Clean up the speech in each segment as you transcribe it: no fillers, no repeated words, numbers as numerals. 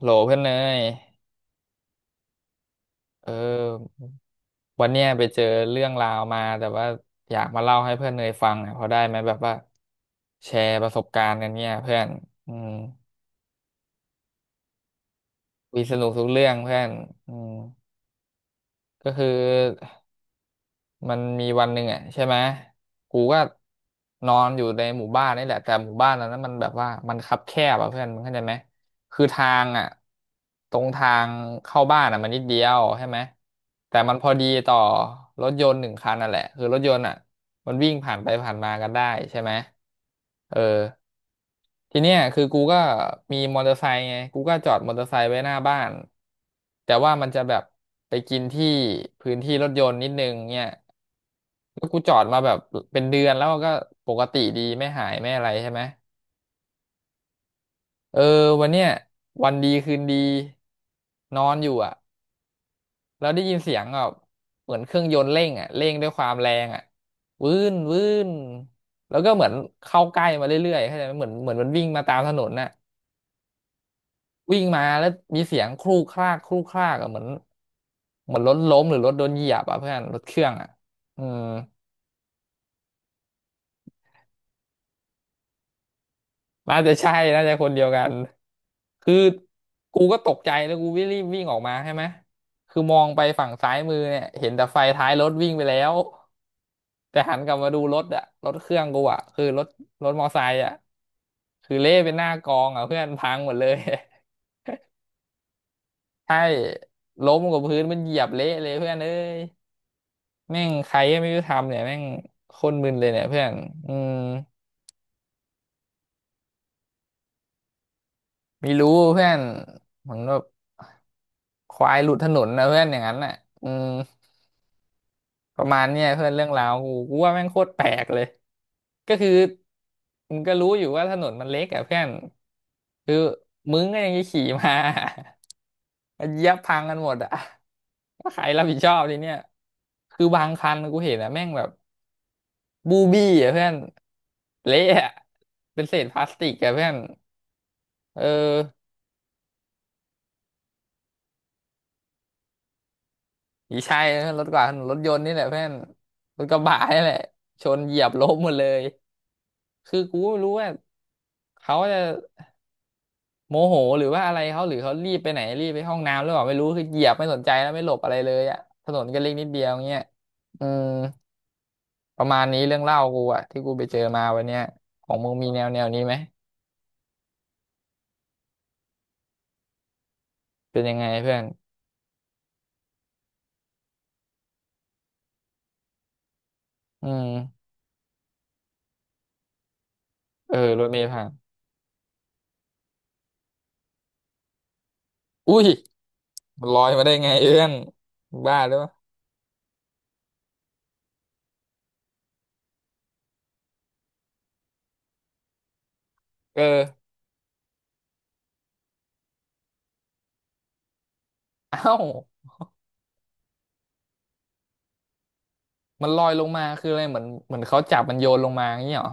โหลเพื่อนเนยเออวันเนี้ยไปเจอเรื่องราวมาแต่ว่าอยากมาเล่าให้เพื่อนเนยฟังอ่ะพอได้ไหมแบบว่าแชร์ประสบการณ์กันเนี่ยเพื่อนอืมวีสนุกทุกเรื่องเพื่อนอืมก็คือ มันมีวันหนึ่งอ่ะใช่ไหมกูก็นอนอยู่ในหมู่บ้านนี่แหละแต่หมู่บ้านเรานั้นมันแบบว่ามันคับแคบอ่ะเพื่อนมึงเข้าใจไหมคือทางอ่ะตรงทางเข้าบ้านอ่ะมันนิดเดียวใช่ไหมแต่มันพอดีต่อรถยนต์หนึ่งคันนั่นแหละคือรถยนต์อ่ะมันวิ่งผ่านไปผ่านมากันได้ใช่ไหมเออทีเนี้ยคือกูก็มีมอเตอร์ไซค์ไงกูก็จอดมอเตอร์ไซค์ไว้หน้าบ้านแต่ว่ามันจะแบบไปกินที่พื้นที่รถยนต์นิดนึงเนี่ย แล้วกูจอดมาแบบเป็นเดือนแล้วก็ปกติดีไม่หายไม่อะไรใช่ไหมเออวันเนี้ยวันดีคืนดีนอนอยู่อ่ะแล้วได้ยินเสียงแบบเหมือนเครื่องยนต์เร่งอ่ะเร่งด้วยความแรงอ่ะวื้นวื้นแล้วก็เหมือนเข้าใกล้มาเรื่อยๆเข้าใจไหมเหมือนมันวิ่งมาตามถนนน่ะวิ่งมาแล้วมีเสียงครูกครากครูกครากอ่ะเหมือนรถล้มหรือรถโดนเหยียบอ่ะเพื่อนรถเครื่องอ่ะอืม น่าจะใช่น่าจะคนเดียวกัน คือกูก็ตกใจแล้วกูวิ่งรีบวิ่งออกมาใช่ไหม คือมองไปฝั่งซ้ายมือเนี่ยเห็นแต่ไฟท้ายรถวิ่งไปแล้ว แต่หันกลับมาดูรถอะรถเครื่องกูอะคือรถรถมอไซค์อะคือเละเป็นหน้ากองอะเพื่อนพังหมดเลย ใช่ล้มกับพื้นมันเหยียบเละเลยเพื่อนเอ้ยแม่งใครก็ไม่รู้ทำเนี่ยแม่งโคนมึนเลยเนี่ยเพื่อนอืมไม่รู้เพื่อนเหมือนแบบ ควายหลุดถนนนะเพื่อนอย่างนั้นน่ะอืมประมาณเนี้ยเพื่อนเรื่องราวกูว่าแม่งโคตรแปลกเลยก็คือมึงก็รู้อยู่ว่าถนนมันเล็กอะเพื่อนคือมึงก็ยังจะขี่มา มันเหยียบพังกันหมดอะว่าใครรับผิดชอบทีเนี้ยคือบางคันกูเห็นอะแม่งแบบบูบี้อะเพื่อนเละอะเป็นเศษพลาสติกอะเพื่อนเออผีชายรถกว่ารถยนต์นี่แหละเพื่อนรถกระบะนี่แหละชนเหยียบล้มหมดเลย คือกูก็ไม่รู้ว่าเขาจะโมโหหรือว่าอะไรเขาหรือเขารีบไปไหนรีบไปห้องน้ำหรือเปล่าไม่รู้คือเหยียบไม่สนใจแล้วไม่หลบอะไรเลยอ่ะถนนก็เล็กนิดเดียวเงี้ยอืมประมาณนี้เรื่องเล่ากูอ่ะที่กูไปเจอมาวันเนี้ยของมึงมีแนวแนวนี้ไหมเป็นยังไงเพื่อนอืมเออรถเมล์ผ่านอุ้ยมันลอยมาได้ไงเอื้อนมึงบ้าหรือเปล่าเออเอ้ามันลอยลงมาคืออะไรเหมือนเขาจับมันโยนลงมาอย่างเงี้ยเหรอ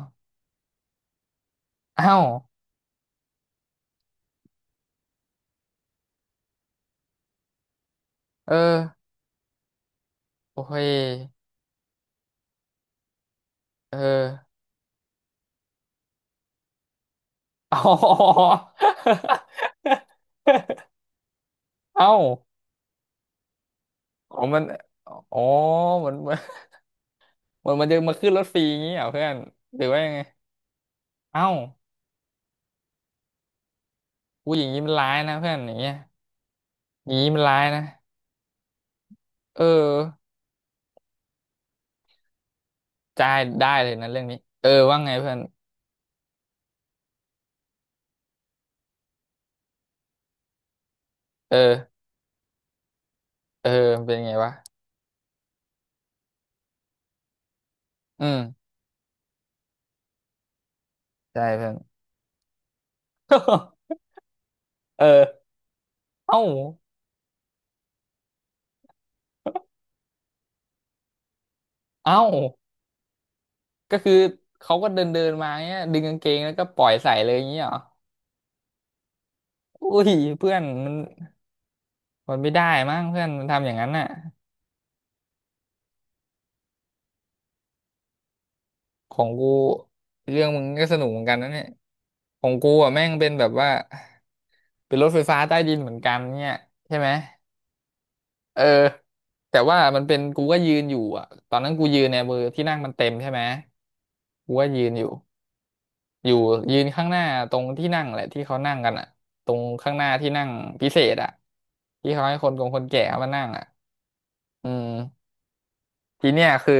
เอ้าเออโอ้ยเออ อ๋อ เอ้าอ๋องมันอ๋อเหมอนเหมันเหมอนมันจะมาขึ้นรถฟรีอย่างงี้เหรอเพื่อนหรือว่ายังไงเอ้ากูอย่างงี้มันร้ายนะเพื่อนอย่างเงี้ยอย่างงี้มันร้ายนะเออจ่ายได้เลยนะเรื่องนี้เออว่าไงเพื่อนเออเออมันเป็นไงวะอืมใช่เพื่อน เออเอ้าเอ้าก็คือเขาก็เดินเดินมาเงี้ยดึงกางเกงแล้วก็ปล่อยใส่เลยอย่างงี้เหรออุ้ยเพื่อน มันไม่ได้มั้งเพื่อนมันทำอย่างนั้นน่ะของกูเรื่องมึงก็สนุกเหมือนกันนะเนี่ยของกูอ่ะแม่งเป็นแบบว่าเป็นรถไฟฟ้าใต้ดินเหมือนกันเนี่ยใช่ไหมเออแต่ว่ามันเป็นกูก็ยืนอยู่อ่ะตอนนั้นกูยืนเนี่ยมือที่นั่งมันเต็มใช่ไหมกูก็ยืนอยู่อยู่ยืนข้างหน้าตรงที่นั่งแหละที่เขานั่งกันอ่ะตรงข้างหน้าที่นั่งพิเศษอ่ะที่เขาให้คนกงคนแก่เขามานั่งอ่ะอืมทีเนี้ยคือ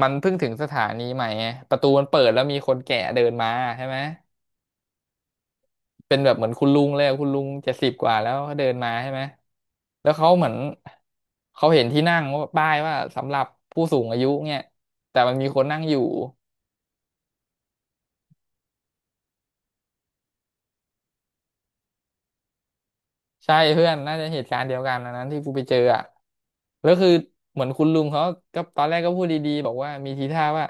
มันเพิ่งถึงสถานีใหม่ไงประตูมันเปิดแล้วมีคนแก่เดินมาใช่ไหมเป็นแบบเหมือนคุณลุงเลยอะคุณลุง70กว่าแล้วเขาเดินมาใช่ไหมแล้วเขาเหมือนเขาเห็นที่นั่งว่าป้ายว่าสำหรับผู้สูงอายุเนี่ยแต่มันมีคนนั่งอยู่ใช่เพื่อนน่าจะเหตุการณ์เดียวกันอันนั้นที่กูไปเจออ่ะแล้วคือเหมือนคุณลุงเขาก็ตอนแรกก็พูดดีๆบอกว่ามีทีท่าว่า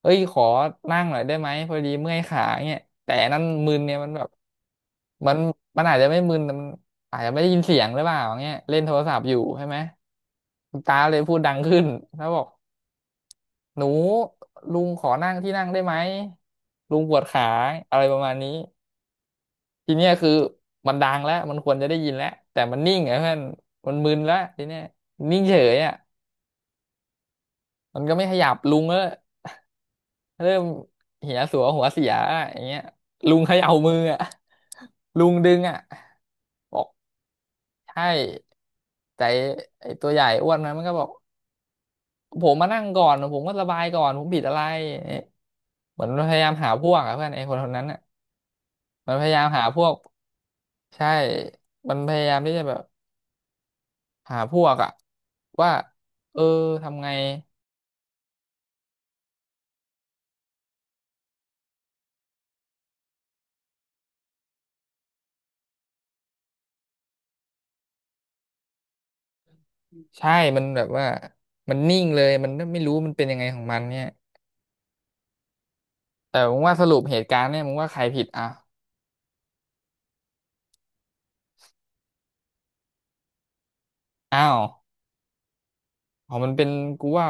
เอ้ยขอนั่งหน่อยได้ไหมพอดีเมื่อยขาเนี่ยแต่อันนั้นมึนเนี่ยมันแบบ มันมันอาจจะไม่มึนแต่มันอาจจะไม่ได้ยินเสียงหรือเปล่าอย่างเงี้ยเล่นโทรศัพท์อยู่ใช่ไหมคุณตาเลยพูดดังขึ้นแล้วบอกหนูลุงขอนั่งที่นั่งได้ไหมลุงปวดขาอะไรประมาณนี้ทีเนี้ยคือมันดังแล้วมันควรจะได้ยินแล้วแต่มันนิ่งไงเพื่อนมันมึนแล้วทีเนี้ยนิ่งเฉยอ่ะมันก็ไม่ขยับลุงก็เริ่มเหียสัวหัวเสียอย่างเงี้ยลุงเขย่ามืออ่ะลุงดึงอ่ะ ใช่แต่ไอ้ตัวใหญ่อ้วนนะมันก็บอกผมมานั่งก่อนผมก็ระบายก่อนผมผิดอะไรเนี่ยเหมือนมันพยายามหาพวกอะเพื่อนไอ้คนคนนั้นอ่ะมันพยายามหาพวกใช่มันพยายามที่จะแบบหาพวกอ่ะว่าเออทำไงใช่มันแบบว่ามันนิ่งเลยมันไม่รู้มันเป็นยังไงของมันเนี่ยแต่มึงว่าสรุปเหตุการณ์เนี่ยมึงว่าใครผิดอ่ะอ้าวอ๋อมันเป็นกูว่า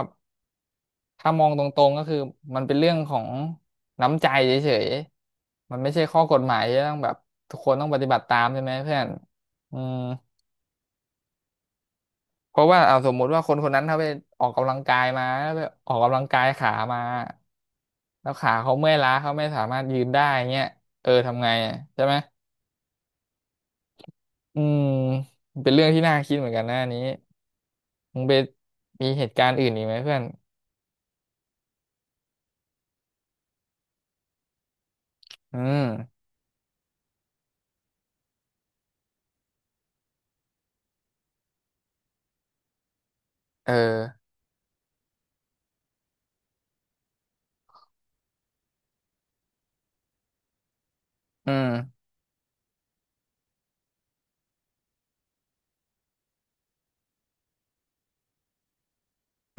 ถ้ามองตรงๆก็คือมันเป็นเรื่องของน้ำใจเฉยๆมันไม่ใช่ข้อกฎหมายที่ต้องแบบทุกคนต้องปฏิบัติตามใช่ไหมเพื่อนอืมเพราะว่าเอาสมมุติว่าคนคนนั้นถ้าไปออกกำลังกายมาแล้วไปออกกำลังกายขามาแล้วขาเขาเมื่อยล้าเขาไม่สามารถยืนได้เงี้ยเออทำไงอ่ะใช่ไหมอืมมันเป็นเรื่องที่น่าคิดเหมือนกันนะอันนี้มึงไปมีเหตุการณ์อื่นอีกไหมเพื่อนอืมเอออืม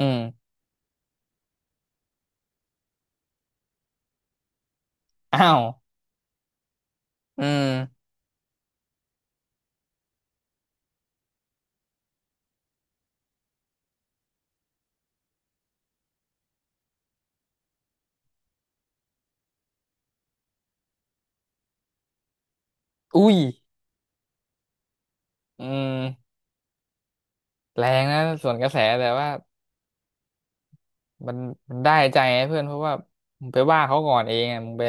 อืมอ้าวอืมอุ้ย อืมแรงนะส่วนกระแสแต่ว่ามันมันได้ใจไงเพื่อนเพราะว่ามึงไปว่าเขาก่อนเองอะมึงไป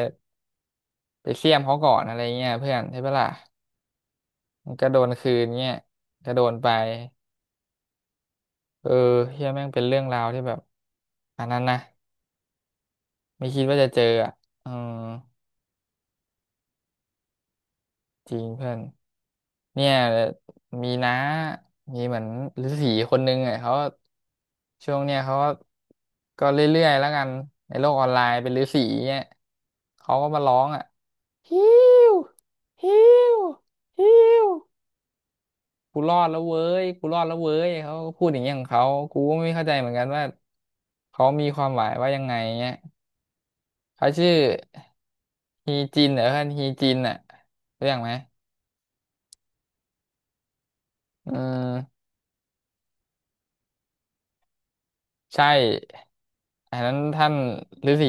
ไปเสี้ยมเขาก่อนอะไรเงี้ยเพื่อนใช่ปะล่ะมันก็โดนคืนเงี้ยก็โดนไปเออเฮียแม่งเป็นเรื่องราวที่แบบอันนั้นนะไม่คิดว่าจะเจออ่ะเออจริงเพื่อนเนี่ยมีน้ามีเหมือนฤาษีคนนึงอ่ะเขาช่วงเนี้ยเขาก็ก็เรื่อยๆแล้วกันในโลกออนไลน์เป็นฤาษีเนี่ยเขาก็มาร้องอ่ะ ฮิวฮิวฮิวกูรอดแล้วเว้ยกูรอดแล้วเว้ย เขาก็พูดอย่างเงี้ยของเขา กูก็ไม่เข้าใจเหมือนกันว่าเขามีความหมายว่ายังไงเงี้ยเขาชื่อฮีจินเหรอท่านฮีจินอ่ะรู้จักไหมอืมใช่อันนั้นท่านฤาษี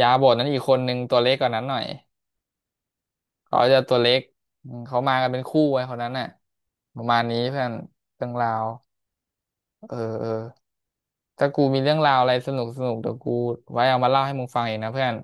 ยาบทนั้นอีกคนนึงตัวเล็กกว่านั้นหน่อยเขาจะตัวเล็กอืมเขามากันเป็นคู่ไว้คนนั้นน่ะประมาณนี้เพื่อนเรื่องราว เออเออ ถ้ากูมีเรื่องราวอะไรสนุกสนุกเดี๋ยวกูไว้เอามาเล่าให้มึงฟังเองนะเพื่อน